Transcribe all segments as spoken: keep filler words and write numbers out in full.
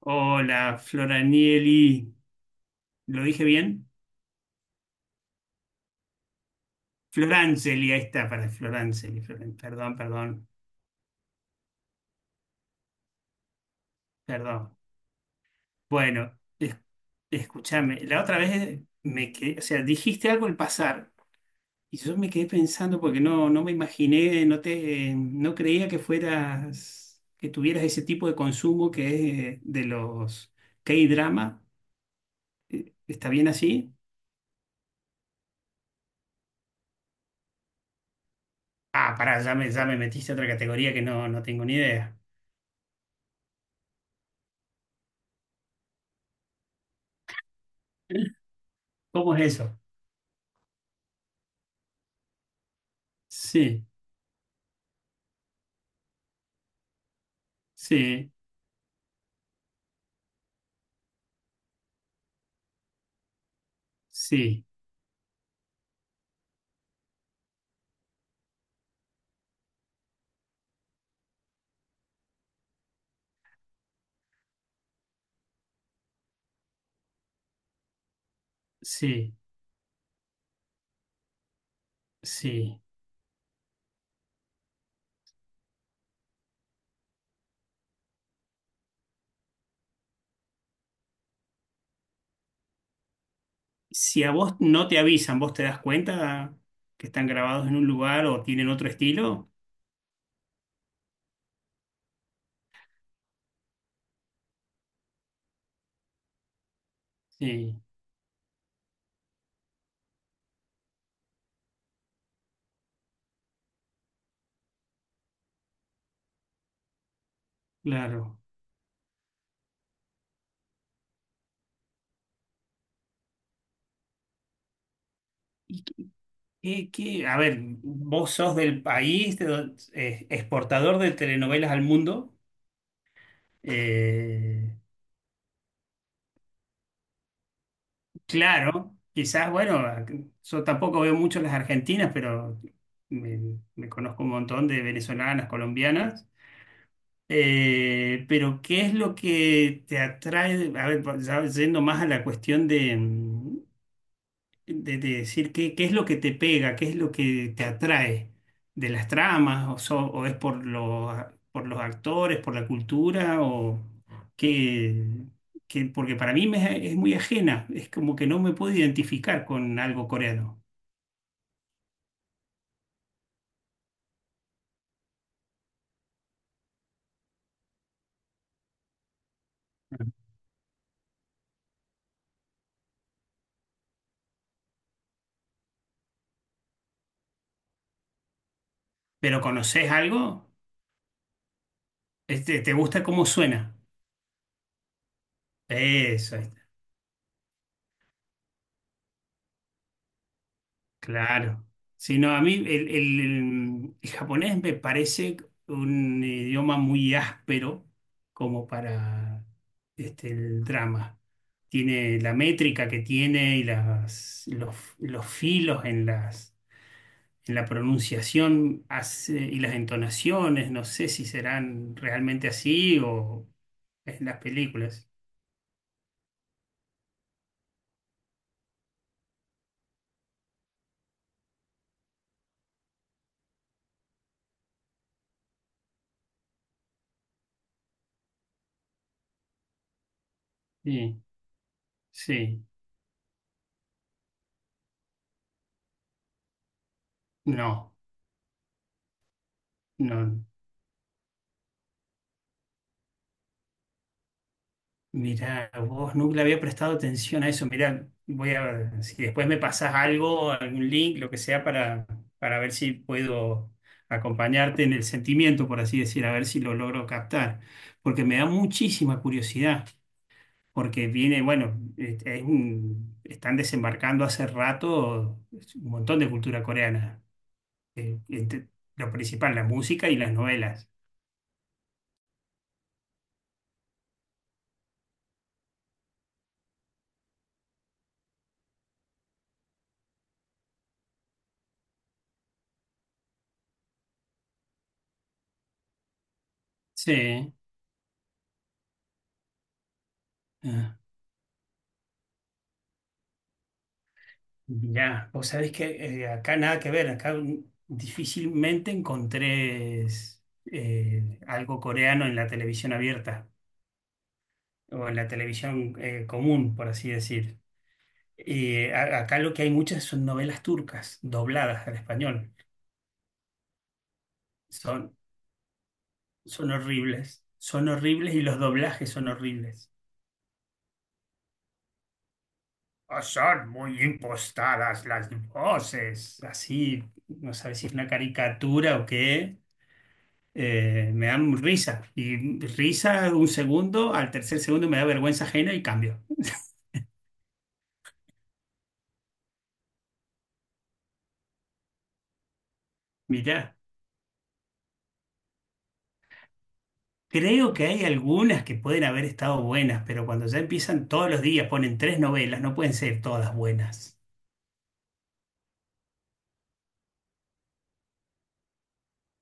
Hola, Floranieli. ¿Lo dije bien? Florangeli, ahí está, para Florangeli. Floran- Perdón, perdón, perdón. Bueno, es- escúchame, la otra vez me quedé, o sea, dijiste algo al pasar y yo me quedé pensando porque no, no me imaginé, no te, no creía que fueras, que tuvieras ese tipo de consumo que es eh, de los K-drama. Eh, ¿Está bien así? Ah, pará, ya me, ya me metiste a otra categoría que no, no tengo ni idea. ¿Cómo es eso? Sí. Sí, sí, sí, sí. Si a vos no te avisan, ¿vos te das cuenta que están grabados en un lugar o tienen otro estilo? Sí, claro. ¿Y qué, qué- A ver, vos sos del país de do- eh, exportador de telenovelas al mundo. Eh, claro, quizás, bueno, yo tampoco veo mucho las argentinas, pero me, me conozco un montón de venezolanas, colombianas. Eh, pero, ¿qué es lo que te atrae? A ver, pa- ya yendo más a la cuestión de, mm, de- de decir qué, qué es lo que te pega, qué es lo que te atrae de las tramas, o, so- o es por los, por los actores, por la cultura, o qué, qué- porque para mí me, es muy ajena, es como que no me puedo identificar con algo coreano. ¿Pero conoces algo? Este, ¿te gusta cómo suena? Eso. Claro. Sí, no, a mí el, el- el japonés me parece un idioma muy áspero como para este, el drama. Tiene la métrica que tiene y las, los, los filos en las, en la pronunciación hace- y las entonaciones. No sé si serán realmente así o en las películas. Sí, sí, no, no. Mirá, vos nunca le había prestado atención a eso. Mirá, voy a ver si después me pasás algo, algún link, lo que sea, para, para ver si puedo acompañarte en el sentimiento, por así decir, a ver si lo logro captar. Porque me da muchísima curiosidad, porque viene, bueno, es- es un- están desembarcando hace rato un montón de cultura coreana. Eh, entre- lo principal, la música y las novelas. Sí. Ya, vos sabés que eh, acá nada que ver, acá un- difícilmente encontré s- eh, algo coreano en la televisión abierta o en la televisión eh, común, por así decir. Y a- acá lo que hay muchas son novelas turcas dobladas al español. Son, son horribles, son horribles y los doblajes son horribles. "Ah, son muy impostadas las voces. Así, no sabes si es una caricatura o qué eh, me dan risa. Y risa un segundo, al tercer segundo me da vergüenza ajena y cambio. Mirá, creo que hay algunas que pueden haber estado buenas, pero cuando ya empiezan todos los días, ponen tres novelas, no pueden ser todas buenas.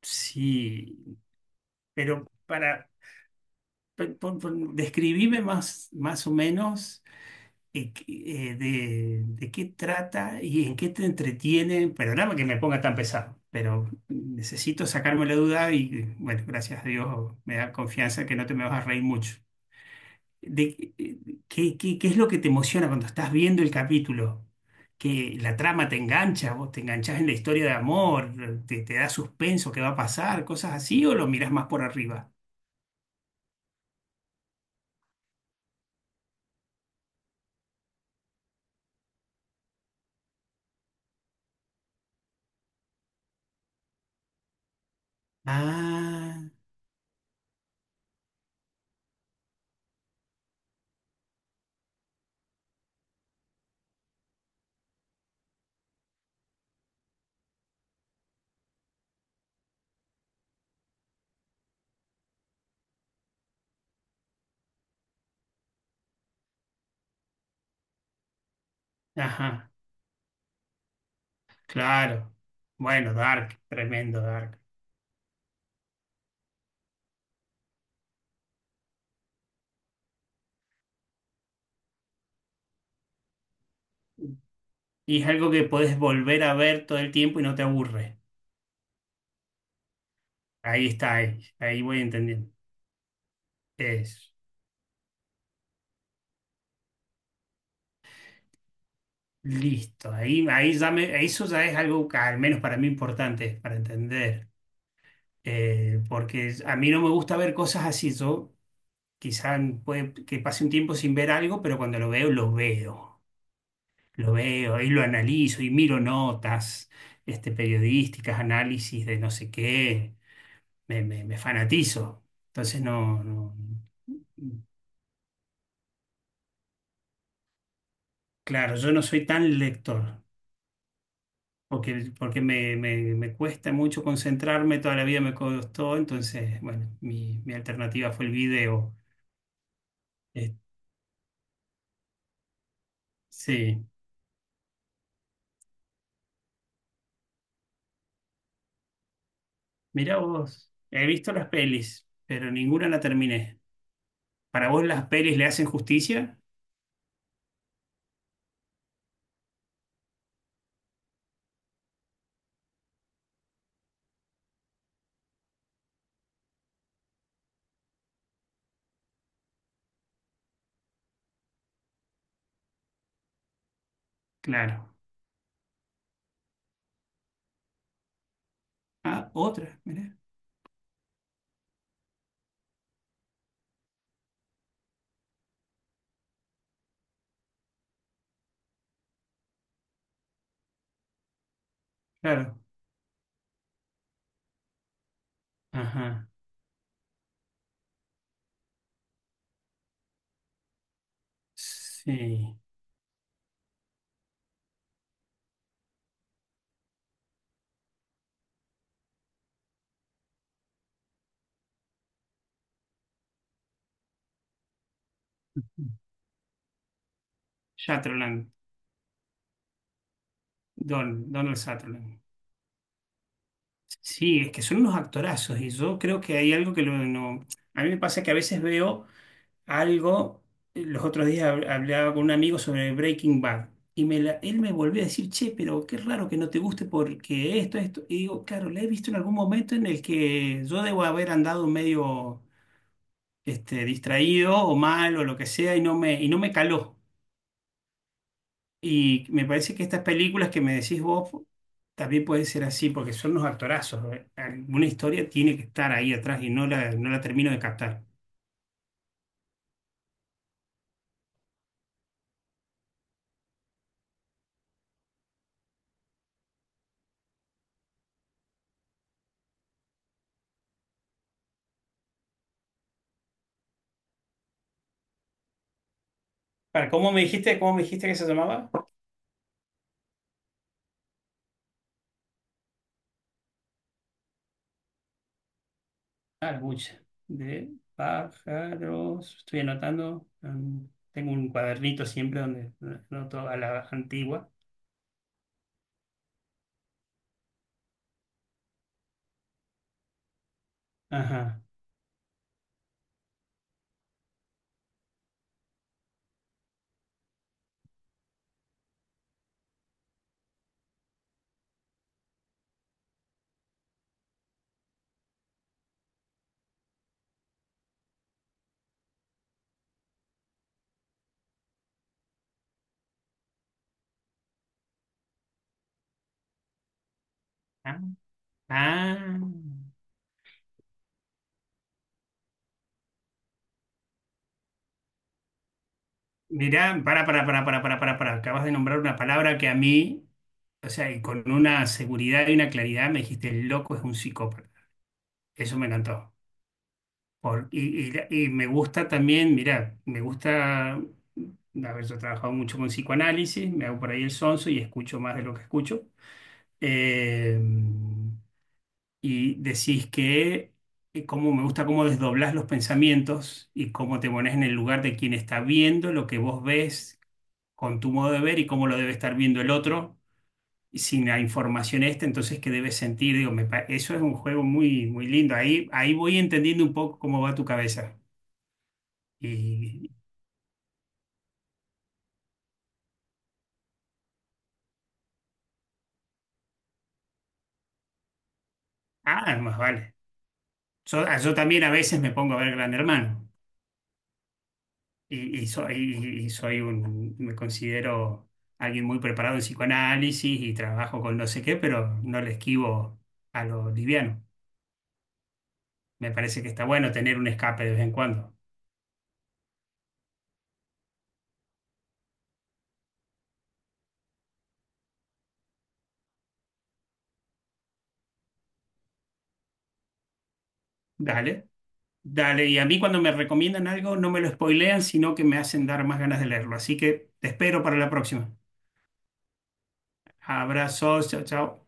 Sí, pero para, por- por- describime más, más o menos. eh, qué- eh, de, de qué trata y en qué te entretiene. Perdóname que me ponga tan pesado, pero necesito sacarme la duda y bueno, gracias a Dios me da confianza que no te me vas a reír mucho. De, eh, qué, qué- ¿qué es lo que te emociona cuando estás viendo el capítulo? Que la trama te engancha, vos te enganchás en la historia de amor, te, te da suspenso, qué va a pasar, cosas así, o lo mirás más por arriba. Ah, ajá, claro. Bueno, Dark, tremendo Dark. ¿Y es algo que podés volver a ver todo el tiempo y no te aburre? Ahí está, ahí, ahí voy entendiendo. Es listo. Ahí, ahí ya me- eso ya es algo que, al menos para mí importante para entender. Eh, porque a mí no me gusta ver cosas así. Yo quizás puede que pase un tiempo sin ver algo, pero cuando lo veo, lo veo. Lo veo y lo analizo y miro notas, este, periodísticas, análisis de no sé qué. Me, me, me fanatizo. Entonces no, no. Claro, yo no soy tan lector, porque, porque me, me- me cuesta mucho concentrarme, toda la vida me costó, entonces, bueno, mi, mi alternativa fue el video. Eh, sí, mirá vos, he visto las pelis, pero ninguna la terminé. ¿Para vos las pelis le hacen justicia? Claro. Ah, otra, mirá, claro. Ajá, sí. Sutherland, Don, Donald Sutherland. Sí, es que son unos actorazos y yo creo que hay algo que lo, no... A mí me pasa que a veces veo algo, los otros días hab- hablaba con un amigo sobre Breaking Bad y me la- él me volvió a decir, che, pero qué raro que no te guste porque esto, esto. Y digo, claro, la he visto en algún momento en el que yo debo haber andado medio este, distraído o mal o lo que sea y no me, y no me caló. Y me parece que estas películas que me decís vos también pueden ser así porque son unos actorazos. ¿Eh? Alguna historia tiene que estar ahí atrás y no la, no la termino de captar. Para, ¿cómo me dijiste, cómo me dijiste que se llamaba? Claro, mucha. De pájaros. Estoy anotando. Mm, tengo un cuadernito siempre donde anoto a la antigua. Ajá. Ah, ah. Mirá, para, para, para, para, para, para, para. Acabas de nombrar una palabra que a mí, o sea, y con una seguridad y una claridad me dijiste, el loco es un psicópata. Eso me encantó. Por, y, y- y me gusta también, mirá, me gusta haber yo he trabajado mucho con psicoanálisis, me hago por ahí el sonso y escucho más de lo que escucho. eh, y decís que eh, cómo me gusta cómo desdoblás los pensamientos y cómo te pones en el lugar de quien está viendo lo que vos ves con tu modo de ver y cómo lo debe estar viendo el otro y sin la información esta, entonces qué debes sentir. Digo, me pa- eso es un juego muy, muy lindo. Ahí, ahí voy entendiendo un poco cómo va tu cabeza. Y, ah, más vale. Yo, ah, yo también a veces me pongo a ver Gran Hermano. Y, y soy, y soy un, me considero alguien muy preparado en psicoanálisis y trabajo con no sé qué, pero no le esquivo a lo liviano. Me parece que está bueno tener un escape de vez en cuando. Dale, dale. Y a mí cuando me recomiendan algo no me lo spoilean, sino que me hacen dar más ganas de leerlo. Así que te espero para la próxima. Abrazos, chao, chao.